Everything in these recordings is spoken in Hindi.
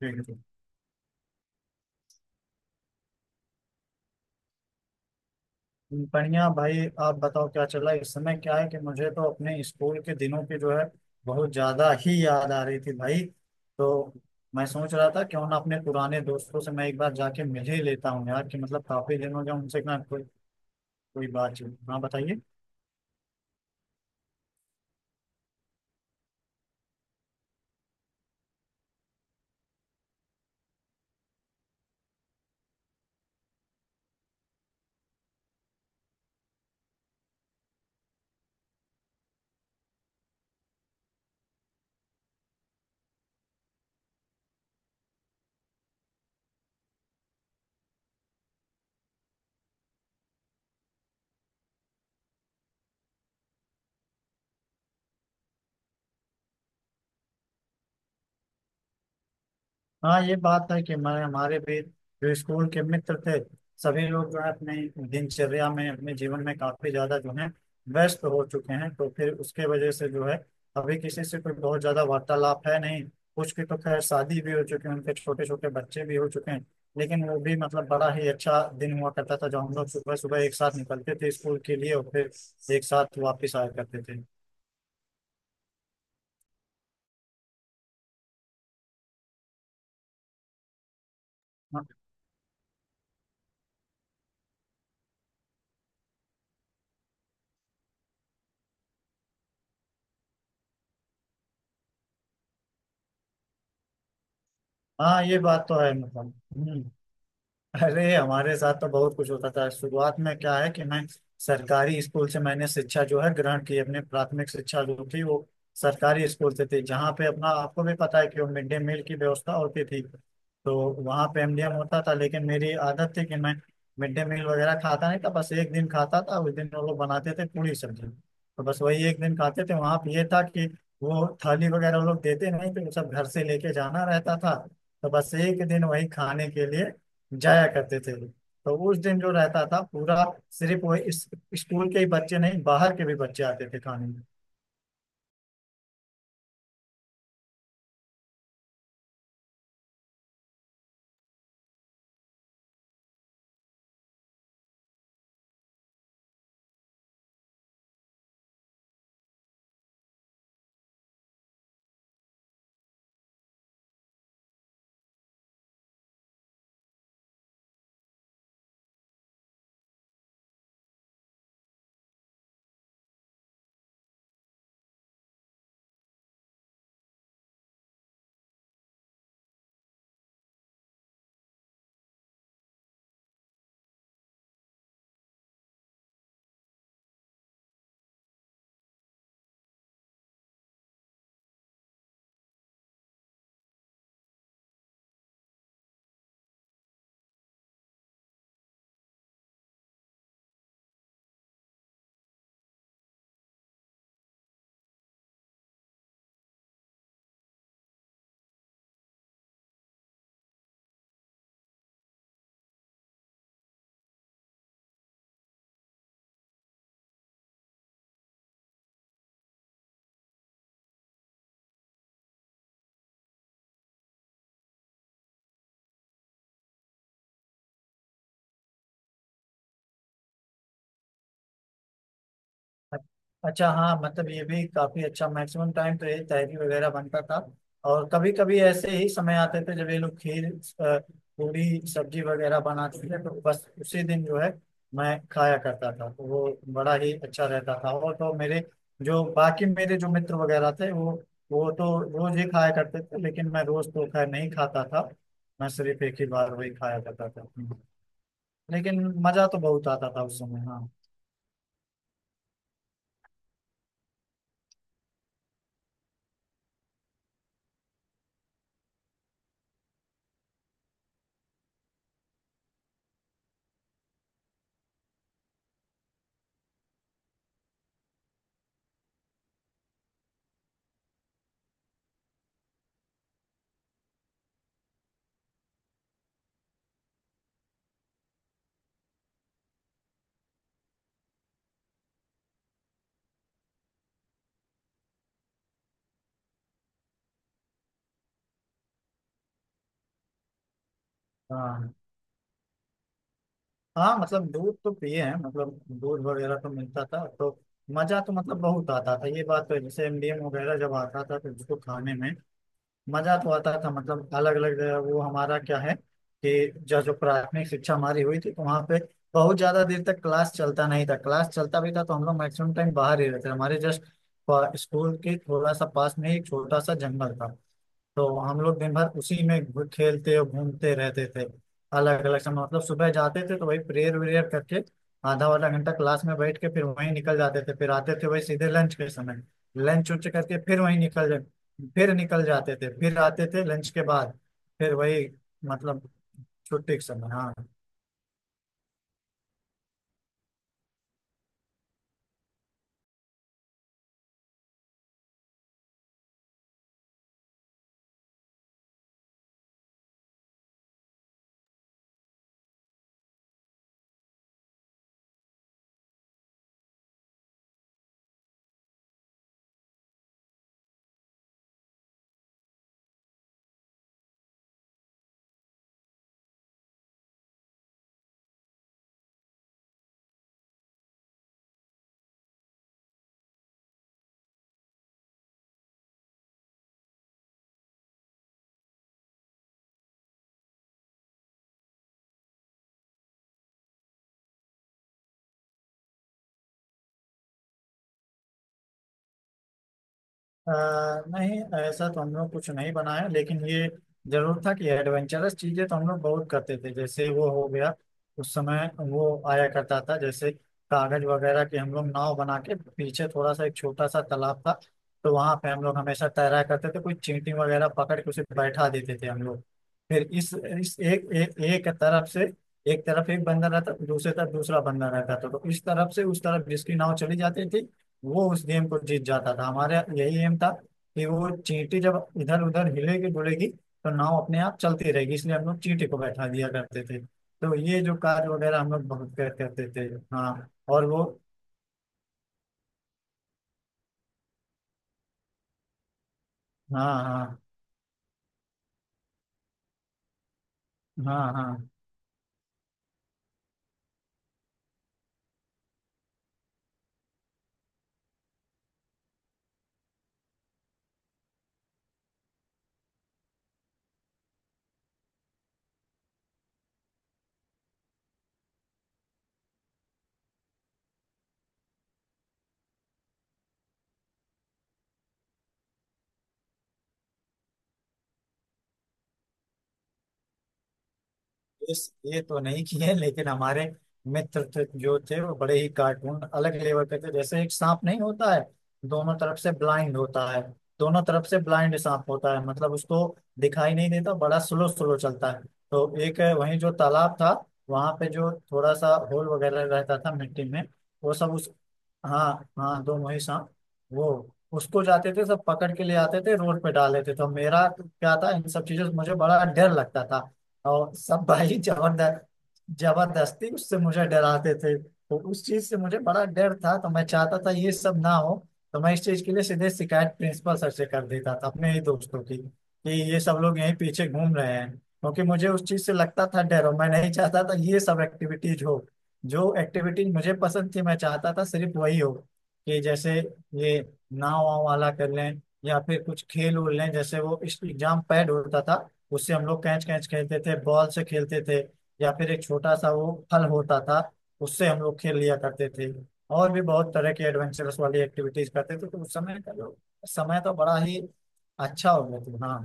ठीक है। बढ़िया भाई। आप बताओ, क्या चल रहा है इस समय। क्या है कि मुझे तो अपने स्कूल के दिनों की जो है बहुत ज्यादा ही याद आ रही थी भाई। तो मैं सोच रहा था क्यों ना अपने पुराने दोस्तों से मैं एक बार जाके मिल ही लेता हूँ यार, कि मतलब काफी दिन हो गया उनसे ना कोई कोई बातचीत। हाँ, बताइए। हाँ, ये बात है कि मैं हमारे भी जो स्कूल के मित्र थे सभी लोग जो है अपने दिनचर्या में अपने जीवन में काफी ज्यादा जो है व्यस्त हो चुके हैं, तो फिर उसके वजह से जो है अभी किसी से कोई बहुत ज्यादा वार्तालाप है नहीं। कुछ की तो खैर शादी भी हो चुकी है, उनके छोटे छोटे बच्चे भी हो चुके हैं। लेकिन वो भी मतलब बड़ा ही अच्छा दिन हुआ करता था जब हम लोग सुबह सुबह एक साथ निकलते थे स्कूल के लिए और फिर एक साथ वापिस आया करते थे। हाँ, हाँ, ये बात तो है मतलब। अरे हमारे साथ तो बहुत कुछ होता था। शुरुआत में क्या है कि मैं सरकारी स्कूल से मैंने शिक्षा जो है ग्रहण की, अपनी प्राथमिक शिक्षा जो थी वो सरकारी स्कूल से थी, जहाँ पे अपना आपको भी पता है कि वो मिड डे मील की व्यवस्था होती थी। तो वहाँ पे एमडीएम होता था, लेकिन मेरी आदत थी कि मैं मिड डे मील वगैरह खाता नहीं था। बस एक दिन खाता था, उस दिन वो लोग बनाते थे पूरी सब्जी, तो बस वही एक दिन खाते थे। वहाँ पे ये था कि वो थाली वगैरह वो लोग देते नहीं थे, वो सब घर से लेके जाना रहता था। तो बस एक दिन वही खाने के लिए जाया करते थे। तो उस दिन जो रहता था पूरा, सिर्फ वो इस स्कूल के ही बच्चे नहीं बाहर के भी बच्चे आते थे खाने में। अच्छा, हाँ, मतलब ये भी काफी अच्छा। मैक्सिमम टाइम तो ये तहरी वगैरह बनता था, और कभी कभी ऐसे ही समय आते थे जब ये लोग खीर, अ, पूरी, सब्जी वगैरह बनाते थे, तो बस उसी दिन जो है मैं खाया करता था, तो वो बड़ा ही अच्छा रहता था। और तो मेरे जो बाकी मेरे जो मित्र वगैरह थे वो तो रोज ही खाया करते थे, लेकिन मैं रोज तो खैर नहीं खाता था। मैं सिर्फ एक ही बार वही खाया करता था, लेकिन मजा तो बहुत आता था उस समय, हाँ। हाँ, हाँ, मतलब दूध तो पिए हैं, मतलब दूध वगैरह तो मिलता था, तो मजा तो मतलब बहुत आता था, ये बात तो है। जैसे एमडीएम वगैरह जब आता था तो उसको खाने में मजा तो आता था, मतलब अलग अलग। वो हमारा क्या है कि जो जो प्राथमिक शिक्षा हमारी हुई थी, तो वहाँ पे बहुत ज्यादा देर तक क्लास चलता नहीं था, क्लास चलता भी था तो हम लोग मैक्सिमम टाइम बाहर ही रहते थे। हमारे जस्ट स्कूल के थोड़ा सा पास में ही एक छोटा सा जंगल था, तो हम लोग दिन भर उसी में खेलते और घूमते रहते थे। अलग अलग समय, मतलब सुबह जाते थे तो वही प्रेयर व्रेयर करके आधा आधा घंटा क्लास में बैठ के फिर वहीं निकल जाते थे, फिर आते थे वही सीधे लंच के समय, लंच उंच करके फिर वहीं फिर निकल जाते थे, फिर आते थे लंच के बाद फिर वही, मतलब छुट्टी के समय, हाँ। अ, नहीं, ऐसा तो हम लोग कुछ नहीं बनाया, लेकिन ये जरूर था कि एडवेंचरस चीजें तो हम लोग बहुत करते थे। जैसे वो हो गया उस समय वो आया करता था, जैसे कागज वगैरह की हम लोग नाव बना के, पीछे थोड़ा सा एक छोटा सा तालाब था, तो वहां पे हम लोग हमेशा तैरा करते थे। कोई चींटी वगैरह पकड़ के उसे बैठा देते थे हम लोग। फिर इस एक एक एक तरफ से, एक तरफ एक बंदर रहता, दूसरे तरफ दूसरा बंदर रहता था, तो इस तरफ से उस तरफ जिसकी नाव चली जाती थी वो उस गेम को जीत जाता था। हमारा यही एम था कि वो चींटी जब इधर उधर हिलेगी डुलेगी तो नाव अपने आप चलती रहेगी, इसलिए हम लोग चींटी को बैठा दिया करते थे, तो ये जो कार्य वगैरह हम लोग बहुत करते थे। हाँ। और वो, हाँ, हाँ, हाँ, हाँ। इस ये तो नहीं किए, लेकिन हमारे मित्र तो जो थे वो बड़े ही कार्टून अलग लेवल के थे। जैसे एक सांप नहीं होता है दोनों तरफ से ब्लाइंड होता है, दोनों तरफ से ब्लाइंड सांप होता है, मतलब उसको दिखाई नहीं देता, बड़ा स्लो स्लो चलता है। तो एक है, वहीं जो तालाब था वहां पे जो थोड़ा सा होल वगैरह रहता था मिट्टी में, वो सब उस, हाँ, हाँ, दो वही सांप, वो उसको जाते थे सब पकड़ के ले आते थे, रोड पे डाल देते थे। तो मेरा क्या था, इन सब चीजों से मुझे बड़ा डर लगता था, और सब भाई जबरदस्त जबरदस्ती उससे मुझे डराते थे, तो उस चीज से मुझे बड़ा डर था, तो मैं चाहता था ये सब ना हो। तो मैं इस चीज के लिए सीधे शिकायत प्रिंसिपल सर से कर देता था अपने ही दोस्तों की, कि ये सब लोग यहीं पीछे घूम रहे हैं, क्योंकि मुझे उस चीज से लगता था डर और मैं नहीं चाहता था ये सब एक्टिविटीज हो। जो एक्टिविटीज मुझे पसंद थी मैं चाहता था सिर्फ वही हो, कि जैसे ये नाव वाव वाला कर लें या फिर कुछ खेल उल लें, जैसे वो इस एग्जाम पैड होता था उससे हम लोग कैच कैच खेलते थे, बॉल से खेलते थे, या फिर एक छोटा सा वो फल होता था उससे हम लोग खेल लिया करते थे। और भी बहुत तरह की एडवेंचरस वाली एक्टिविटीज करते थे, तो उस समय का जो समय तो बड़ा ही अच्छा हो गया था, हाँ।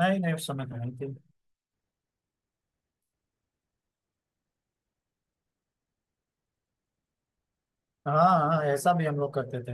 नहीं, नहीं, उस समय तो नहीं थी। हाँ, हाँ, ऐसा भी हम लोग करते थे।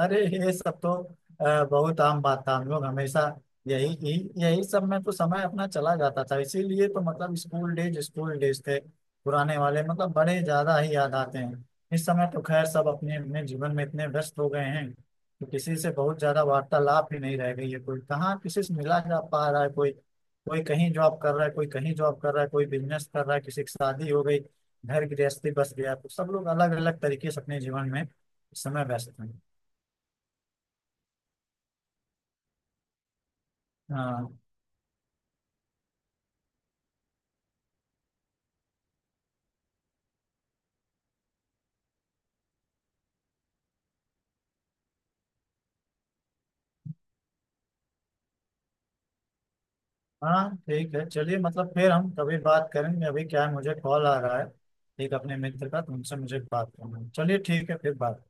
अरे ये सब तो बहुत आम बात था। हम लोग हमेशा यही यही यही सब में तो समय अपना चला जाता था, इसीलिए तो मतलब स्कूल डेज थे पुराने वाले मतलब बड़े ज्यादा ही याद आते हैं। इस समय तो खैर सब अपने अपने जीवन में इतने व्यस्त हो गए हैं कि किसी से बहुत ज्यादा वार्तालाप ही नहीं रह गई है, कोई कहाँ किसी से मिला जा पा रहा है, कोई, कोई कहीं जॉब कर रहा है, कोई कहीं जॉब कर रहा है, कोई बिजनेस कर रहा है, किसी की शादी हो गई घर गृहस्थी बस गया, तो सब लोग अलग अलग तरीके से अपने जीवन में इस समय व्यस्त हैं। हाँ, हाँ, ठीक है, चलिए मतलब फिर हम कभी बात करेंगे, अभी क्या है मुझे कॉल आ रहा है एक अपने मित्र का, तुमसे मुझे बात करना है। चलिए ठीक है फिर बात।